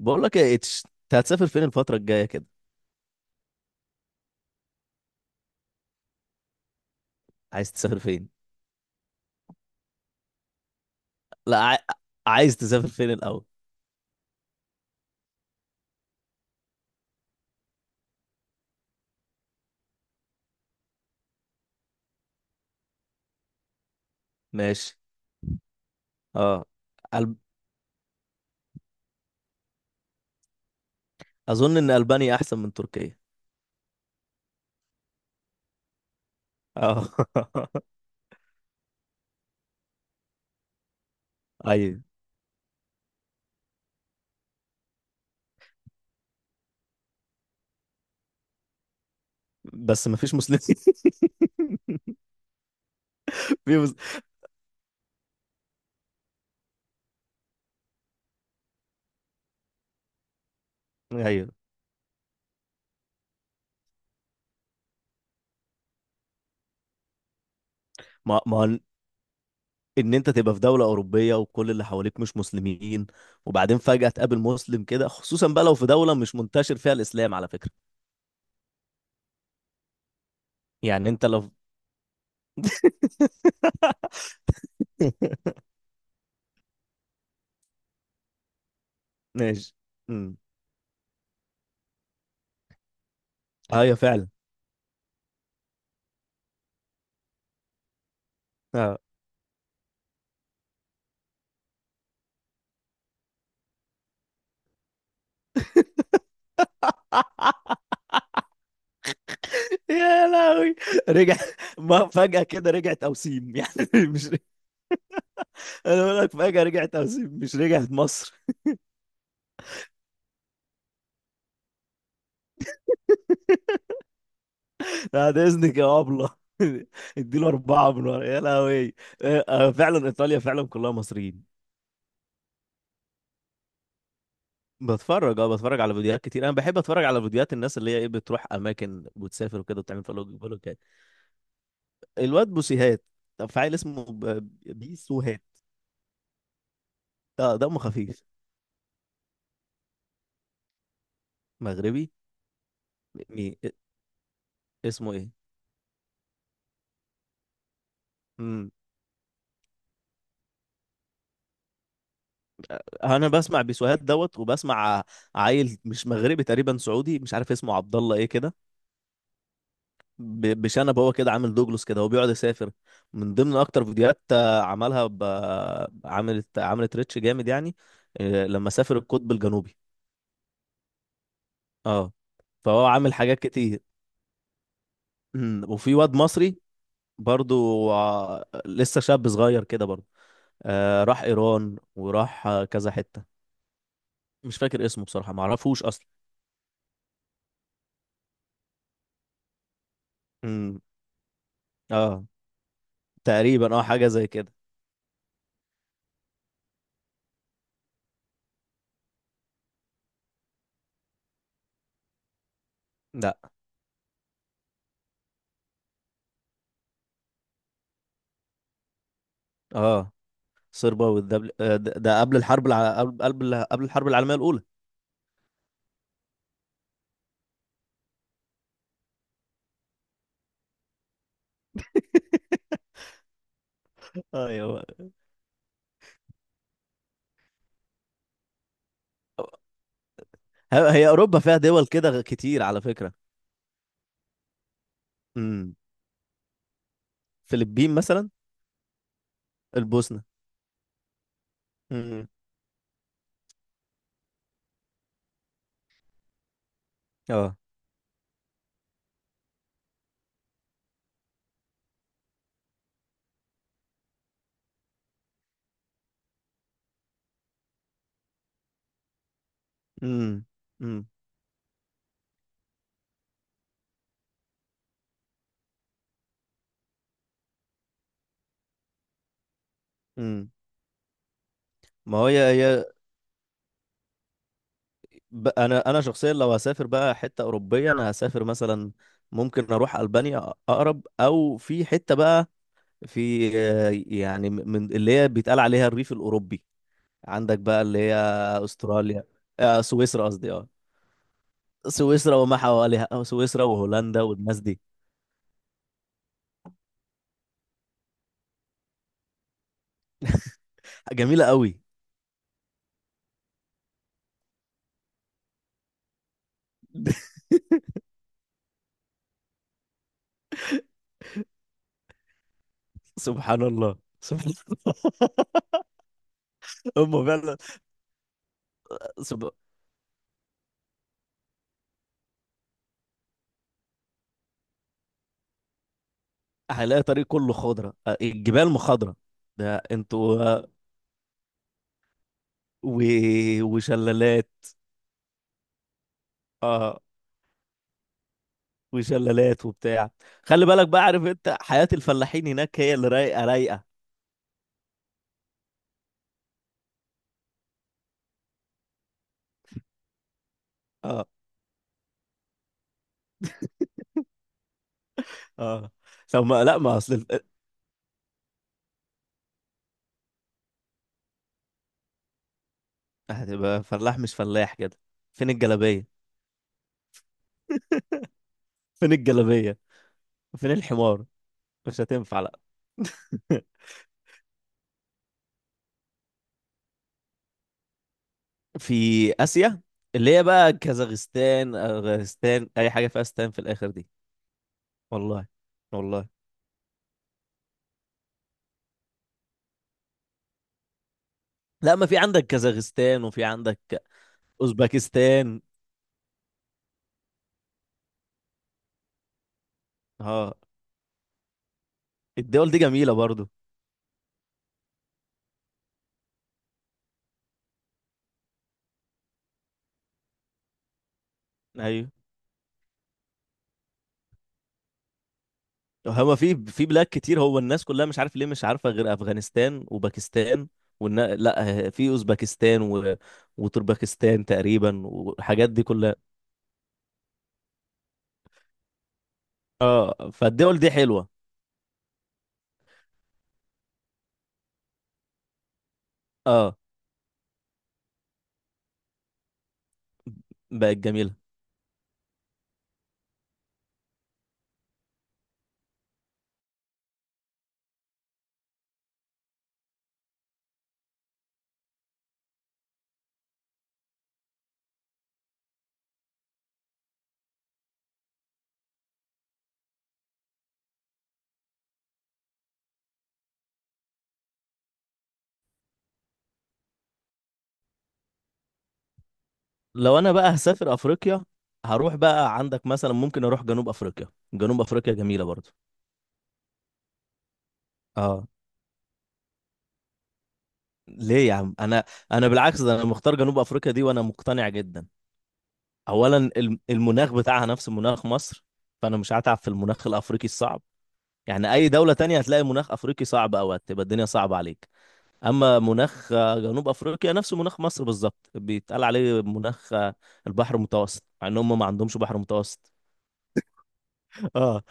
بقول لك يا اتش، انت هتسافر فين الفترة الجاية كده؟ عايز تسافر فين؟ لا، عايز تسافر فين الأول؟ ماشي. اه. ألب... أظن إن ألبانيا أحسن من تركيا. اه. أيوة. بس مفيش مسلمين. في مس... أيوة. ما هو، إن أنت تبقى في دولة أوروبية وكل اللي حواليك مش مسلمين، وبعدين فجأة تقابل مسلم كده، خصوصا بقى لو في دولة مش منتشر فيها الإسلام على فكرة. يعني أنت لو. ماشي. امم. أيوة فعلا. اه. يا لهوي. رجع ما فجأة كده رجعت أوسيم يعني مش. أنا بقول لك، فجأة رجعت أوسيم مش رجعت مصر. بعد إذنك يا أبلة. اديله أربعة من ورا. يا لهوي. فعلا إيطاليا فعلا كلها مصريين. بتفرج على فيديوهات كتير، انا بحب اتفرج على فيديوهات الناس اللي هي ايه، بتروح اماكن وتسافر وكده وتعمل فلوجات. الواد بوسيهات. طب في عيل اسمه بيسوهات. اه، دمه خفيف. مغربي. مي اسمه ايه؟ انا بسمع بيسوهات دوت وبسمع عيل مش مغربي تقريبا سعودي، مش عارف اسمه عبد الله ايه كده. بشنب، هو كده عامل دوجلوس كده، هو بيقعد يسافر. من ضمن اكتر فيديوهات عملها. عملت ريتش جامد يعني. لما سافر القطب الجنوبي. اه. فهو عامل حاجات كتير. وفي واد مصري برضو، لسه شاب صغير كده برضو. راح ايران وراح كذا حتة. مش فاكر اسمه بصراحة، معرفوش اصلا. أمم، اه، تقريبا حاجة زي كده. لا. اه، صربا والدبل، ده قبل الحرب العالمية الأولى. ايوه. هي أوروبا فيها دول كده كتير على فكرة. امم. فلبين مثلا. البوسنة. امم. اه. امم. امم. امم. ما هو هي انا شخصيا لو هسافر بقى حتة أوروبية، انا هسافر مثلا، ممكن اروح ألبانيا، اقرب، او في حتة بقى في يعني من اللي هي بيتقال عليها الريف الأوروبي. عندك بقى اللي هي استراليا، سويسرا قصدي. اه سويسرا وما حواليها، أو سويسرا وهولندا والناس دي. جميلة قوي. سبحان الله. سبحان الله. هم فعلا. سب... هلاقي طريق كله خضرة، الجبال مخضرة. ده انتوا. و... وشلالات. اه. وشلالات وبتاع. خلي بالك بقى، عارف انت حياة الفلاحين هناك هي اللي رايقة رايقة. اه. اه. لو ما لا ما اصل هتبقى فلاح، مش فلاح كده. فين الجلابية؟ فين الجلابيه؟ فين الحمار؟ مش هتنفع لا. في اسيا، اللي هي بقى كازاخستان، افغانستان، اي حاجه فيها استان في الاخر دي. والله. والله. لا، ما في عندك كازاخستان وفي عندك اوزبكستان. اه، الدول دي جميله برضو. ايوه. هما في بلاد كتير، هو الناس كلها مش عارف ليه مش عارفه غير افغانستان وباكستان. لا، في اوزبكستان وتربكستان تقريبا، والحاجات دي كلها. اه، فالدول دي حلوه. اه، بقت جميله. لو انا بقى هسافر افريقيا، هروح بقى عندك مثلا، ممكن اروح جنوب افريقيا. جنوب افريقيا جميلة برضو. اه، ليه يا عم؟ انا، انا بالعكس، ده انا مختار جنوب افريقيا دي وانا مقتنع جدا. اولا المناخ بتاعها نفس مناخ مصر، فانا مش هتعب في المناخ الافريقي الصعب. يعني اي دولة تانية هتلاقي مناخ افريقي صعب، او هتبقى الدنيا صعبة عليك. اما مناخ جنوب افريقيا نفس مناخ مصر بالظبط، بيتقال عليه مناخ البحر المتوسط، مع ان هم ما عندهمش بحر متوسط. اه.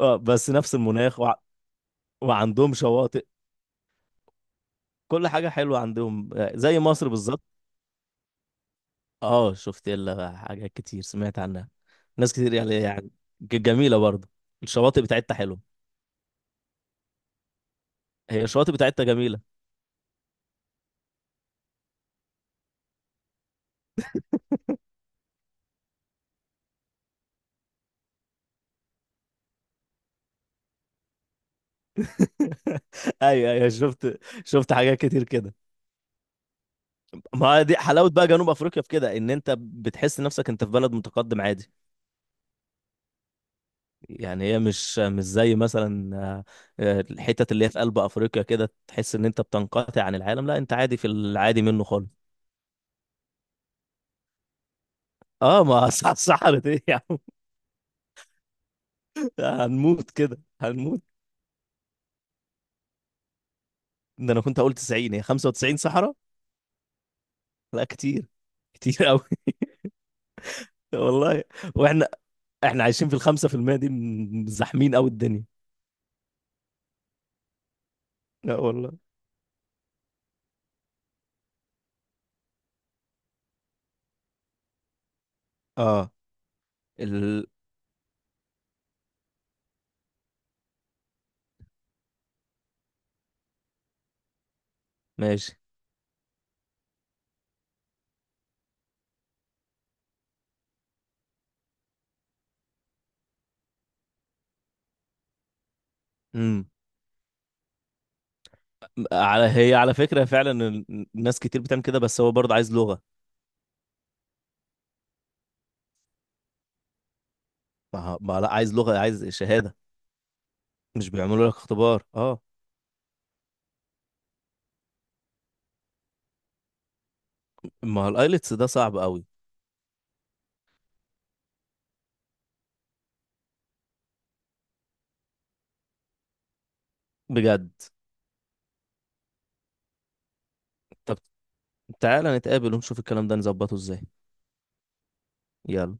اه، بس نفس المناخ. وعندهم شواطئ. كل حاجة حلوة عندهم. زي مصر بالظبط. اه، شفت لها حاجات كتير، سمعت عنها ناس كتير يعني جميلة برضه. الشواطئ بتاعتها حلوة. هي الشواطئ بتاعتها جميلة. ايوه، ايوه، شفت حاجات كتير كده. ما دي حلاوة بقى جنوب افريقيا في كده، ان انت بتحس نفسك انت في بلد متقدم عادي. يعني هي مش زي مثلا الحتت اللي هي في قلب افريقيا كده، تحس ان انت بتنقطع عن العالم. لا، انت عادي في العادي منه خالص. اه، ما صحرت ايه يا عم؟ هنموت كده هنموت. ده انا كنت هقول 90، هي 95 صحراء. لا، كتير. كتير قوي. والله. واحنا احنا عايشين في 5% دي، زاحمين قوي الدنيا. لا والله. اه، ال... ماشي. امم. على فكرة فعلا الناس كتير بتعمل كده، بس هو برضه عايز لغة. ما ما لا، عايز لغة، عايز شهادة. مش بيعملوا لك اختبار؟ اه. ما هو الايلتس ده صعب قوي. بجد. طب تعالى نتقابل ونشوف الكلام ده نظبطه ازاي. يلا.